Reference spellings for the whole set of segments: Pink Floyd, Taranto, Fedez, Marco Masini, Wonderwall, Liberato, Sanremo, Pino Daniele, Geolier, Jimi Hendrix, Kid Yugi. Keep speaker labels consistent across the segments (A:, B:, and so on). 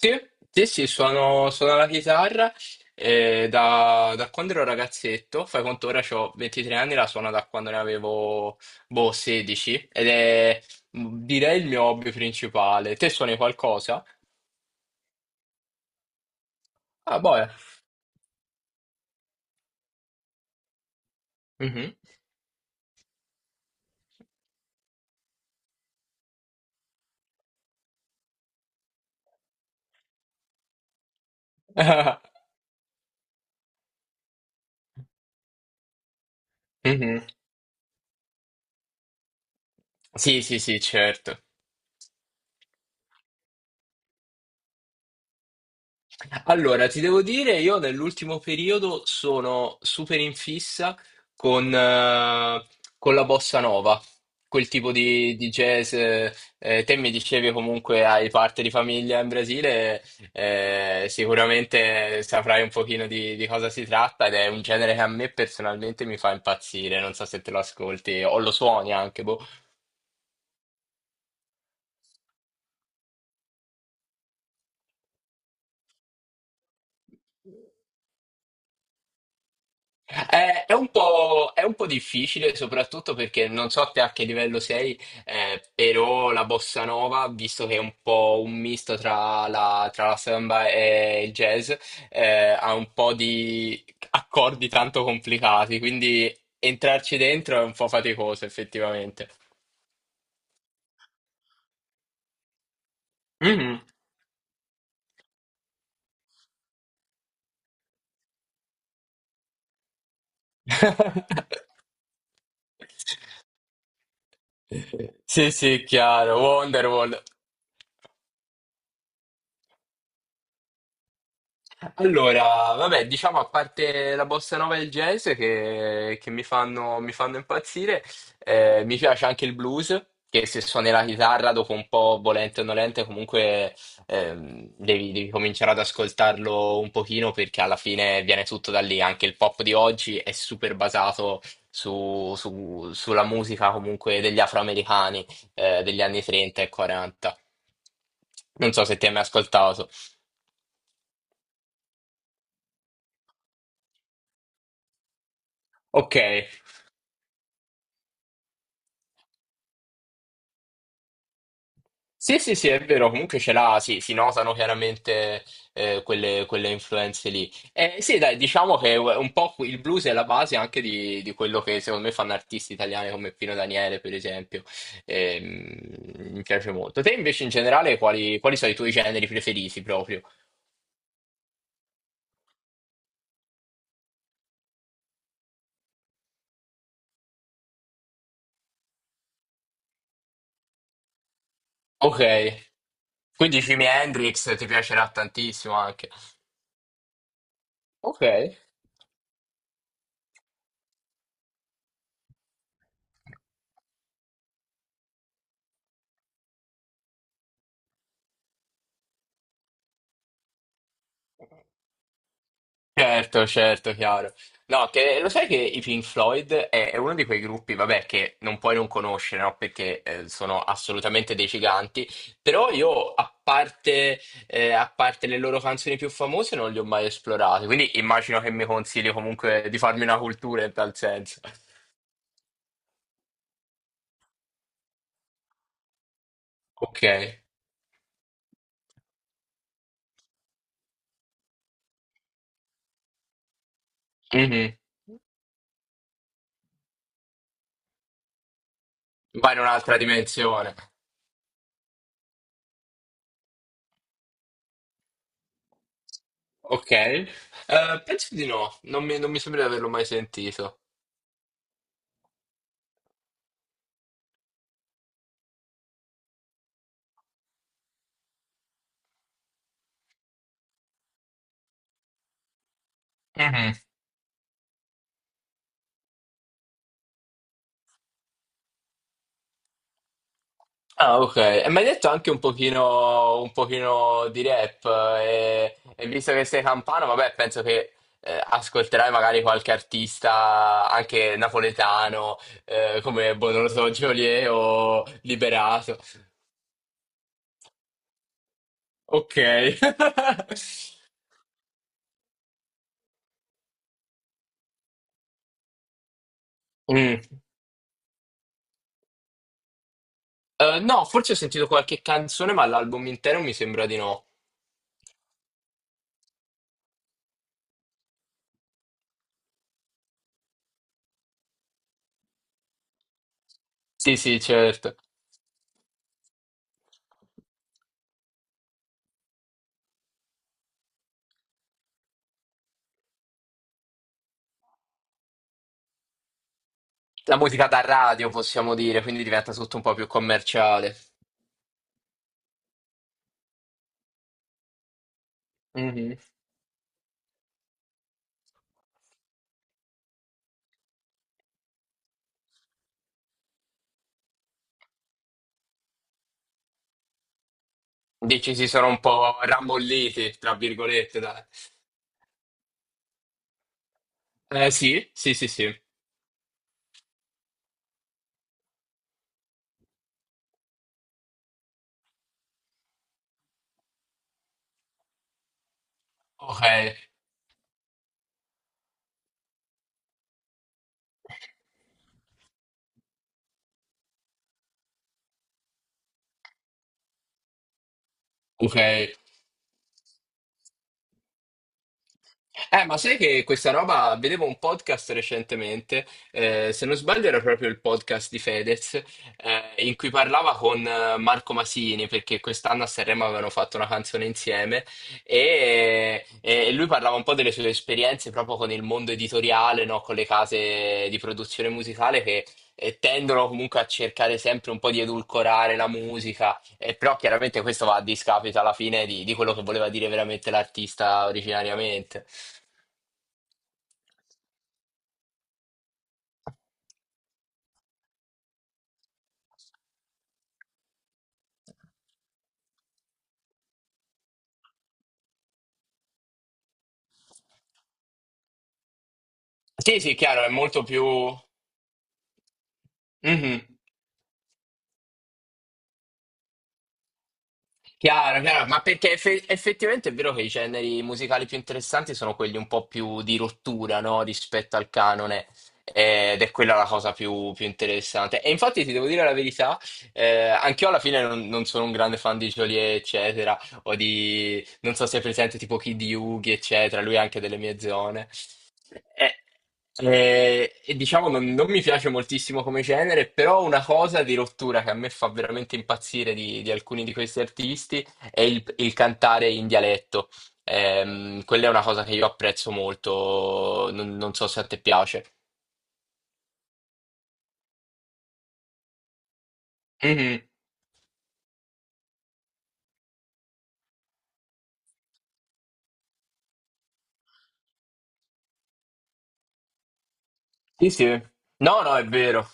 A: Sì, sì, sì, suono la chitarra da quando ero ragazzetto, fai conto ora ho 23 anni, la suono da quando ne avevo boh, 16 ed è direi il mio hobby principale. Te suoni qualcosa? Ah, boia. Mhm. Mhm. Sì, sì, sì, certo. Allora, ti devo dire, io nell'ultimo periodo sono super in fissa con, eh, con la bossa nova, quel tipo di jazz. Te mi dicevi comunque hai parte di famiglia in Brasile, sicuramente saprai un pochino di cosa si tratta ed è un genere che a me personalmente mi fa impazzire, non so se te lo ascolti o lo suoni anche, boh. È un po' difficile, soprattutto perché non so te a che livello sei, però la bossa nova, visto che è un po' un misto tra la samba e il jazz, ha un po' di accordi tanto complicati, quindi entrarci dentro è un po' faticoso, effettivamente. Mhm. Sì, sì, chiaro, Wonderwall. Allora, vabbè, diciamo a parte la bossa nova e il jazz che mi fanno impazzire, mi piace anche il blues, che se suoni la chitarra dopo un po', volente o nolente, comunque devi cominciare ad ascoltarlo un pochino perché alla fine viene tutto da lì. Anche il pop di oggi è super basato sulla musica comunque degli afroamericani degli anni 30 e 40. Non so se ti hai mai ascoltato. Ok. Sì, sì, sì, è vero, comunque ce l'ha, sì, si notano chiaramente quelle influenze lì. Sì, dai, diciamo che un po' il blues è la base anche di quello che secondo me fanno artisti italiani come Pino Daniele, per esempio. Ehm, mi piace molto. Te invece in generale quali, quali sono i tuoi generi preferiti proprio? Ok, quindi Jimi Hendrix ti piacerà tantissimo anche. Ok. Certo, certo, chiaro. No, che lo sai che i Pink Floyd è uno di quei gruppi, vabbè, che non puoi non conoscere, no? Perché sono assolutamente dei giganti, però io, a parte le loro canzoni più famose, non li ho mai esplorati, quindi immagino che mi consigli comunque di farmi una cultura in tal senso. Ok. Mhm. Vai in un'altra dimensione. Ok. Penso di no, non mi, non mi sembra di averlo mai sentito. Ah, ok. E mi hai detto anche un pochino di rap e visto che sei campano, vabbè, penso che ascolterai magari qualche artista anche napoletano, come, boh, non lo so, Geolier o Liberato. Ok. Mm. No, forse ho sentito qualche canzone, ma l'album intero mi sembra di no. Sì, sì, certo. La musica da radio, possiamo dire, quindi diventa tutto un po' più commerciale. Mhm. Dici si sono un po' rammolliti, tra virgolette, dai. Eh sì, sì, sì, sì. Ok, ok. Ma sai che questa roba, vedevo un podcast recentemente, se non sbaglio era proprio il podcast di Fedez, in cui parlava con Marco Masini, perché quest'anno a Sanremo avevano fatto una canzone insieme e lui parlava un po' delle sue esperienze proprio con il mondo editoriale, no? Con le case di produzione musicale che tendono comunque a cercare sempre un po' di edulcorare la musica e però chiaramente questo va a discapito alla fine di quello che voleva dire veramente l'artista originariamente. Sì, sì, chiaro, è molto più... Mhm. Chiaro, chiaro, ma perché effettivamente è vero che i generi musicali più interessanti sono quelli un po' più di rottura, no? Rispetto al canone, ed è quella la cosa più, più interessante. E infatti ti devo dire la verità, anch'io alla fine non, non sono un grande fan di Joliet, eccetera, o di, non so se è presente tipo Kid Yugi, eccetera, lui è anche delle mie zone. Eh, e diciamo non, non mi piace moltissimo come genere, però una cosa di rottura che a me fa veramente impazzire di alcuni di questi artisti è il cantare in dialetto. Quella è una cosa che io apprezzo molto, non, non so se a te piace. Mhm. Sì, sì. No, no, è vero.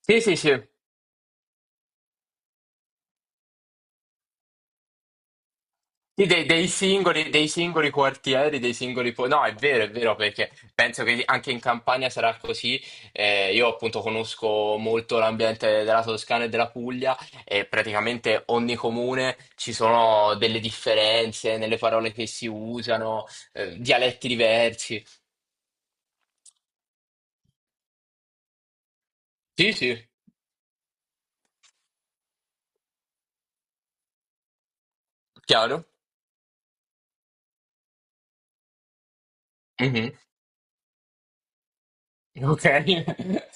A: Sì, sì, sì. Sì, dei, dei singoli quartieri, dei singoli... No, è vero, perché penso che anche in Campania sarà così. Io appunto conosco molto l'ambiente della Toscana e della Puglia e praticamente ogni comune ci sono delle differenze nelle parole che si usano, dialetti diversi. Sì, sì, chiaro. Ok.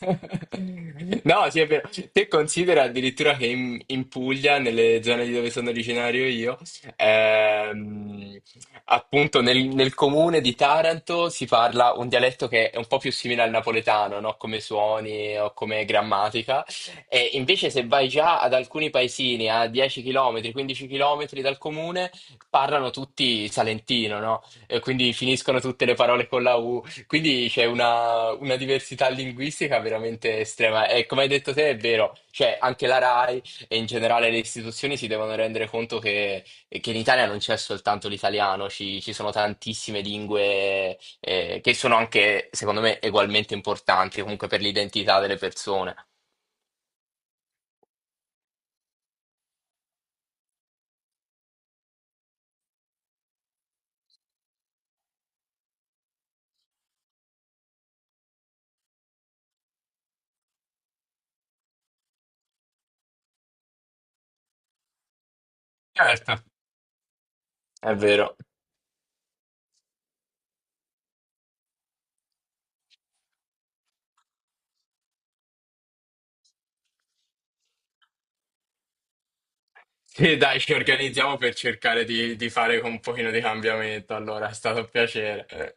A: No, sì, è vero. Te considera addirittura che in, in Puglia, nelle zone di dove sono originario io, ehm, appunto nel, nel comune di Taranto si parla un dialetto che è un po' più simile al napoletano, no? Come suoni o come grammatica. E invece se vai già ad alcuni paesini a 10 km, 15 km dal comune, parlano tutti salentino, no? E quindi finiscono tutte le parole con la U. Quindi c'è una diversità linguistica veramente estrema e come hai detto te è vero, cioè anche la RAI e in generale le istituzioni si devono rendere conto che in Italia non c'è soltanto l'italiano, ci, ci sono tantissime lingue che sono anche, secondo me, ugualmente importanti comunque per l'identità delle persone. Certo. È vero. Sì, dai, ci organizziamo per cercare di fare un pochino di cambiamento, allora è stato un piacere.